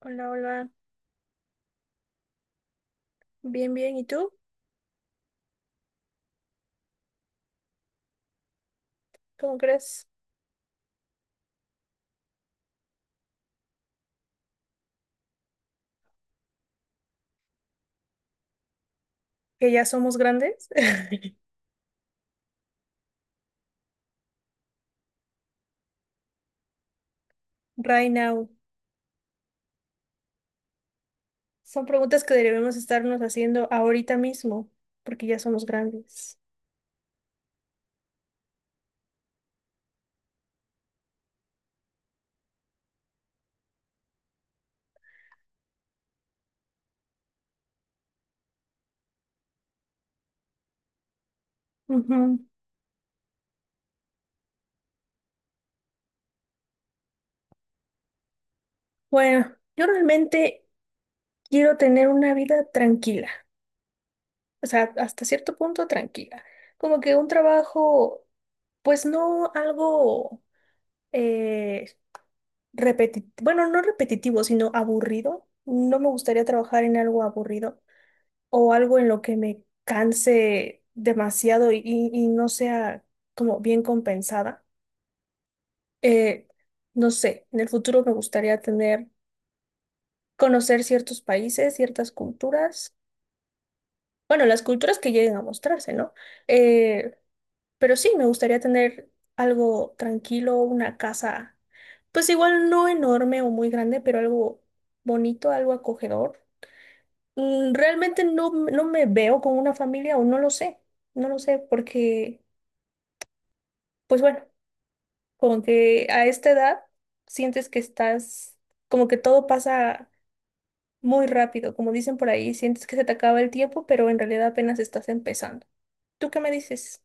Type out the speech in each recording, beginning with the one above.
Hola, hola. Bien, bien. ¿Y tú? ¿Cómo crees que ya somos grandes? Right now. Son preguntas que debemos estarnos haciendo ahorita mismo, porque ya somos grandes. Ujú. Bueno, yo realmente quiero tener una vida tranquila, o sea, hasta cierto punto tranquila. Como que un trabajo, pues no algo eh, repetitivo, bueno, no repetitivo, sino aburrido. No me gustaría trabajar en algo aburrido, o algo en lo que me canse demasiado y no sea como bien compensada. Eh, no sé, en el futuro me gustaría tener, conocer ciertos países, ciertas culturas, bueno, las culturas que lleguen a mostrarse, ¿no? Eh, pero sí, me gustaría tener algo tranquilo, una casa, pues igual no enorme o muy grande, pero algo bonito, algo acogedor. Mm, realmente no me veo con una familia, o no lo sé, no lo sé, porque pues bueno, como que a esta edad sientes que estás, como que todo pasa muy rápido, como dicen por ahí, sientes que se te acaba el tiempo, pero en realidad apenas estás empezando. ¿Tú qué me dices?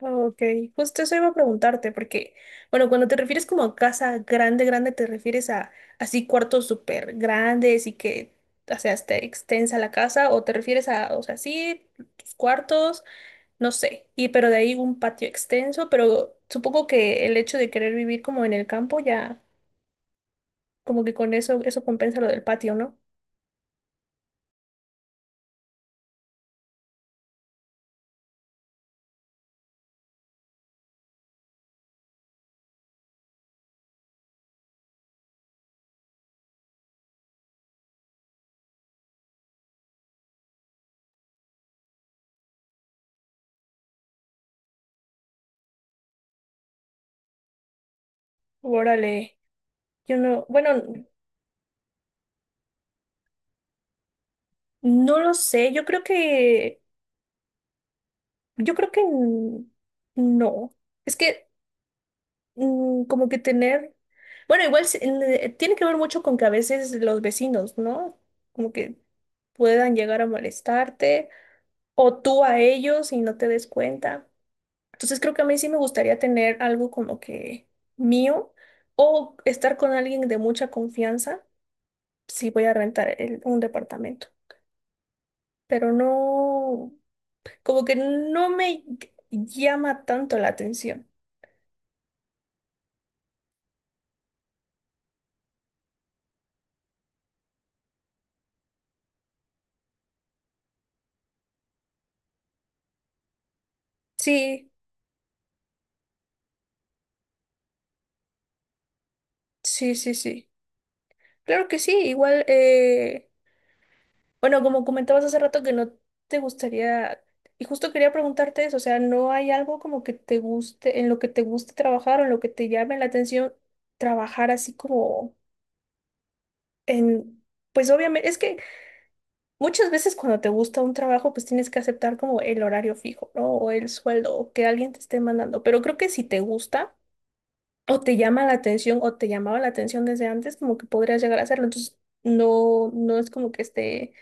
Ok, justo eso iba a preguntarte, porque, bueno, cuando te refieres como a casa grande, grande, te refieres a así cuartos súper grandes y que, o sea, esté extensa la casa, o te refieres a, o sea, sí, tus cuartos, no sé, y pero de ahí un patio extenso, pero supongo que el hecho de querer vivir como en el campo ya, como que con eso, eso compensa lo del patio, ¿no? Órale, yo no, bueno, no lo sé, yo creo que no, es que como que tener, bueno, tiene que ver mucho con que a veces los vecinos, ¿no? Como que puedan llegar a molestarte o tú a ellos y no te des cuenta. Entonces creo que a mí sí me gustaría tener algo como que mío o estar con alguien de mucha confianza si voy a rentar un departamento. Pero no, como que no me llama tanto la atención. Sí, sí, sí, sí. Claro que sí, igual, bueno, como comentabas hace rato que no te gustaría, y justo quería preguntarte eso, o sea, ¿no hay algo como que te guste, en lo que te guste trabajar o en lo que te llame la atención trabajar así como? En, pues obviamente, es que muchas veces cuando te gusta un trabajo, pues tienes que aceptar como el horario fijo, ¿no? O el sueldo, o que alguien te esté mandando. Pero creo que si te gusta, o te llama la atención, o te llamaba la atención desde antes, como que podrías llegar a hacerlo. Entonces, no, no es como que esté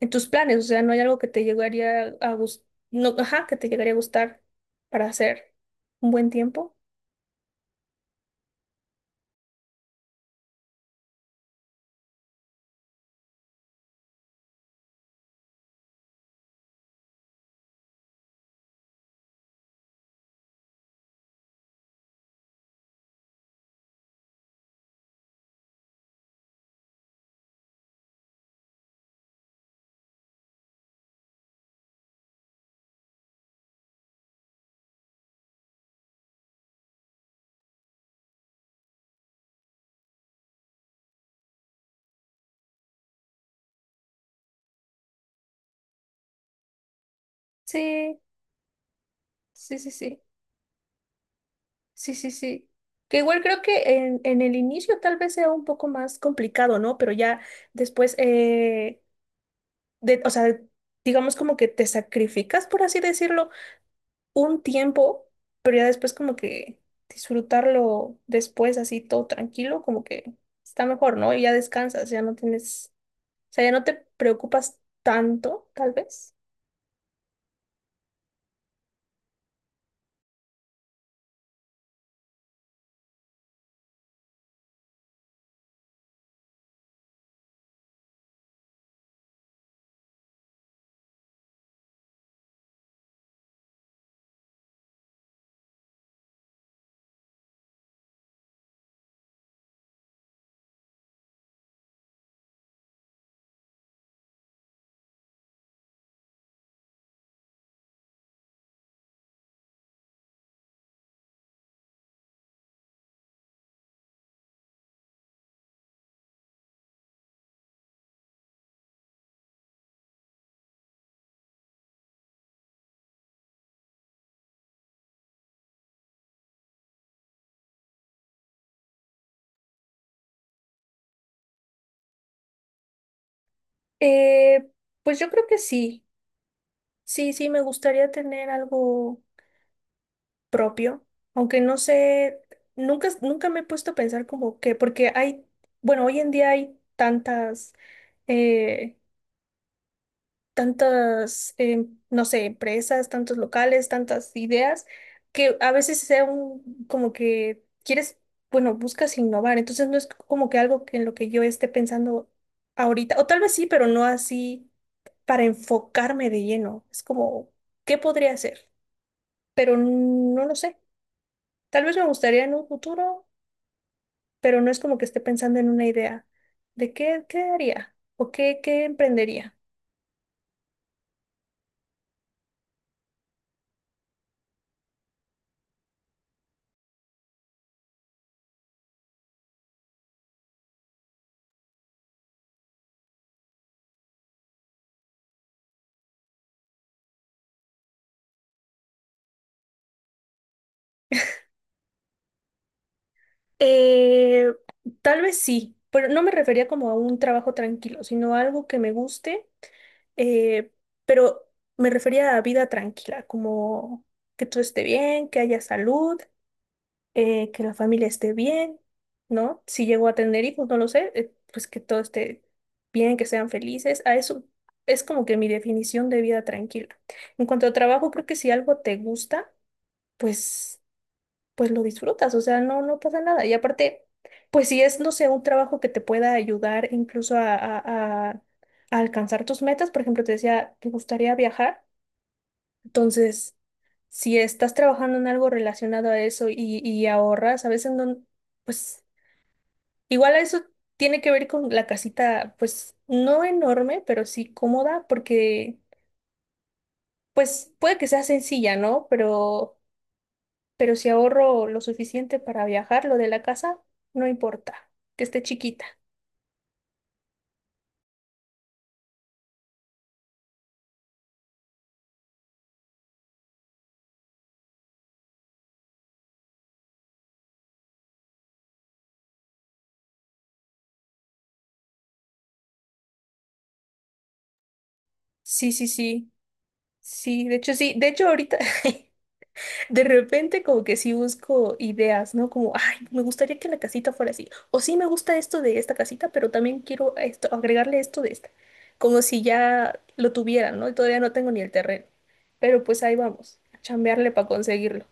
en tus planes, o sea, no hay algo que te llegaría a gustar, no, ajá, que te llegaría a gustar para hacer un buen tiempo. Sí, sí, sí, sí. Sí, sí, sí. Que igual creo que en el inicio tal vez sea un poco más complicado, ¿no? Pero ya después, de, o sea, digamos como que te sacrificas, por así decirlo, un tiempo, pero ya después como que disfrutarlo después así todo tranquilo, como que está mejor, ¿no? Y ya descansas, ya no tienes, o sea, ya no te preocupas tanto, tal vez. Eh, pues yo creo que sí, sí, sí, me gustaría tener algo propio, aunque no sé, nunca me he puesto a pensar como que, porque hay, bueno, hoy en día hay tantas, eh, tantas, no sé, empresas, tantos locales, tantas ideas, que a veces sea un, como que quieres, bueno, buscas innovar, entonces no es como que algo que en lo que yo esté pensando ahorita, o tal vez sí, pero no así para enfocarme de lleno, es como, ¿qué podría hacer? Pero no lo sé. Tal vez me gustaría en un futuro, pero no es como que esté pensando en una idea de qué, qué haría o qué, qué emprendería. Eh, Tal vez sí, pero no me refería como a un trabajo tranquilo, sino a algo que me guste, eh, pero me refería a vida tranquila, como que todo esté bien, que haya salud, que la familia esté bien, ¿no? Si llegó a tener hijos, no lo sé, pues que todo esté bien, que sean felices. A eso es como que mi definición de vida tranquila. En cuanto a trabajo, creo que si algo te gusta, pues, pues lo disfrutas, o sea, no, no pasa nada. Y aparte, pues si es, no sé, un trabajo que te pueda ayudar incluso a a alcanzar tus metas, por ejemplo, te decía, ¿te gustaría viajar? Entonces si estás trabajando en algo relacionado a eso y ahorras, a veces no, pues igual a eso tiene que ver con la casita, pues no enorme, pero sí cómoda, porque pues puede que sea sencilla, ¿no? Pero si ahorro lo suficiente para viajar, lo de la casa, no importa, que esté chiquita. Sí, sí, sí, sí, de hecho ahorita... De repente como que sí busco ideas, ¿no? Como, ay, me gustaría que la casita fuera así. O sí me gusta esto de esta casita, pero también quiero esto, agregarle esto de esta. Como si ya lo tuvieran, ¿no? Y todavía no tengo ni el terreno. Pero pues ahí vamos, a chambearle para conseguirlo.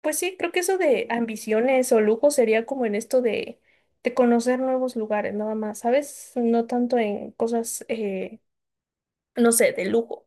Pues sí, creo que eso de ambiciones o lujo sería como en esto de conocer nuevos lugares, nada más, ¿sabes? No tanto en cosas, no sé, de lujo.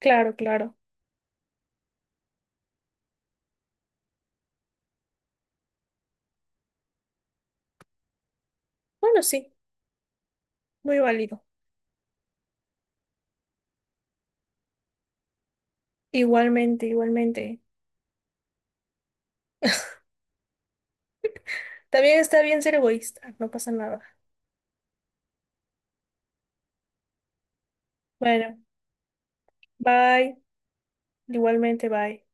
Claro, claro. Bueno, sí, muy válido. Igualmente, igualmente. También está bien ser egoísta, no pasa nada. Bueno, bye. Igualmente, bye.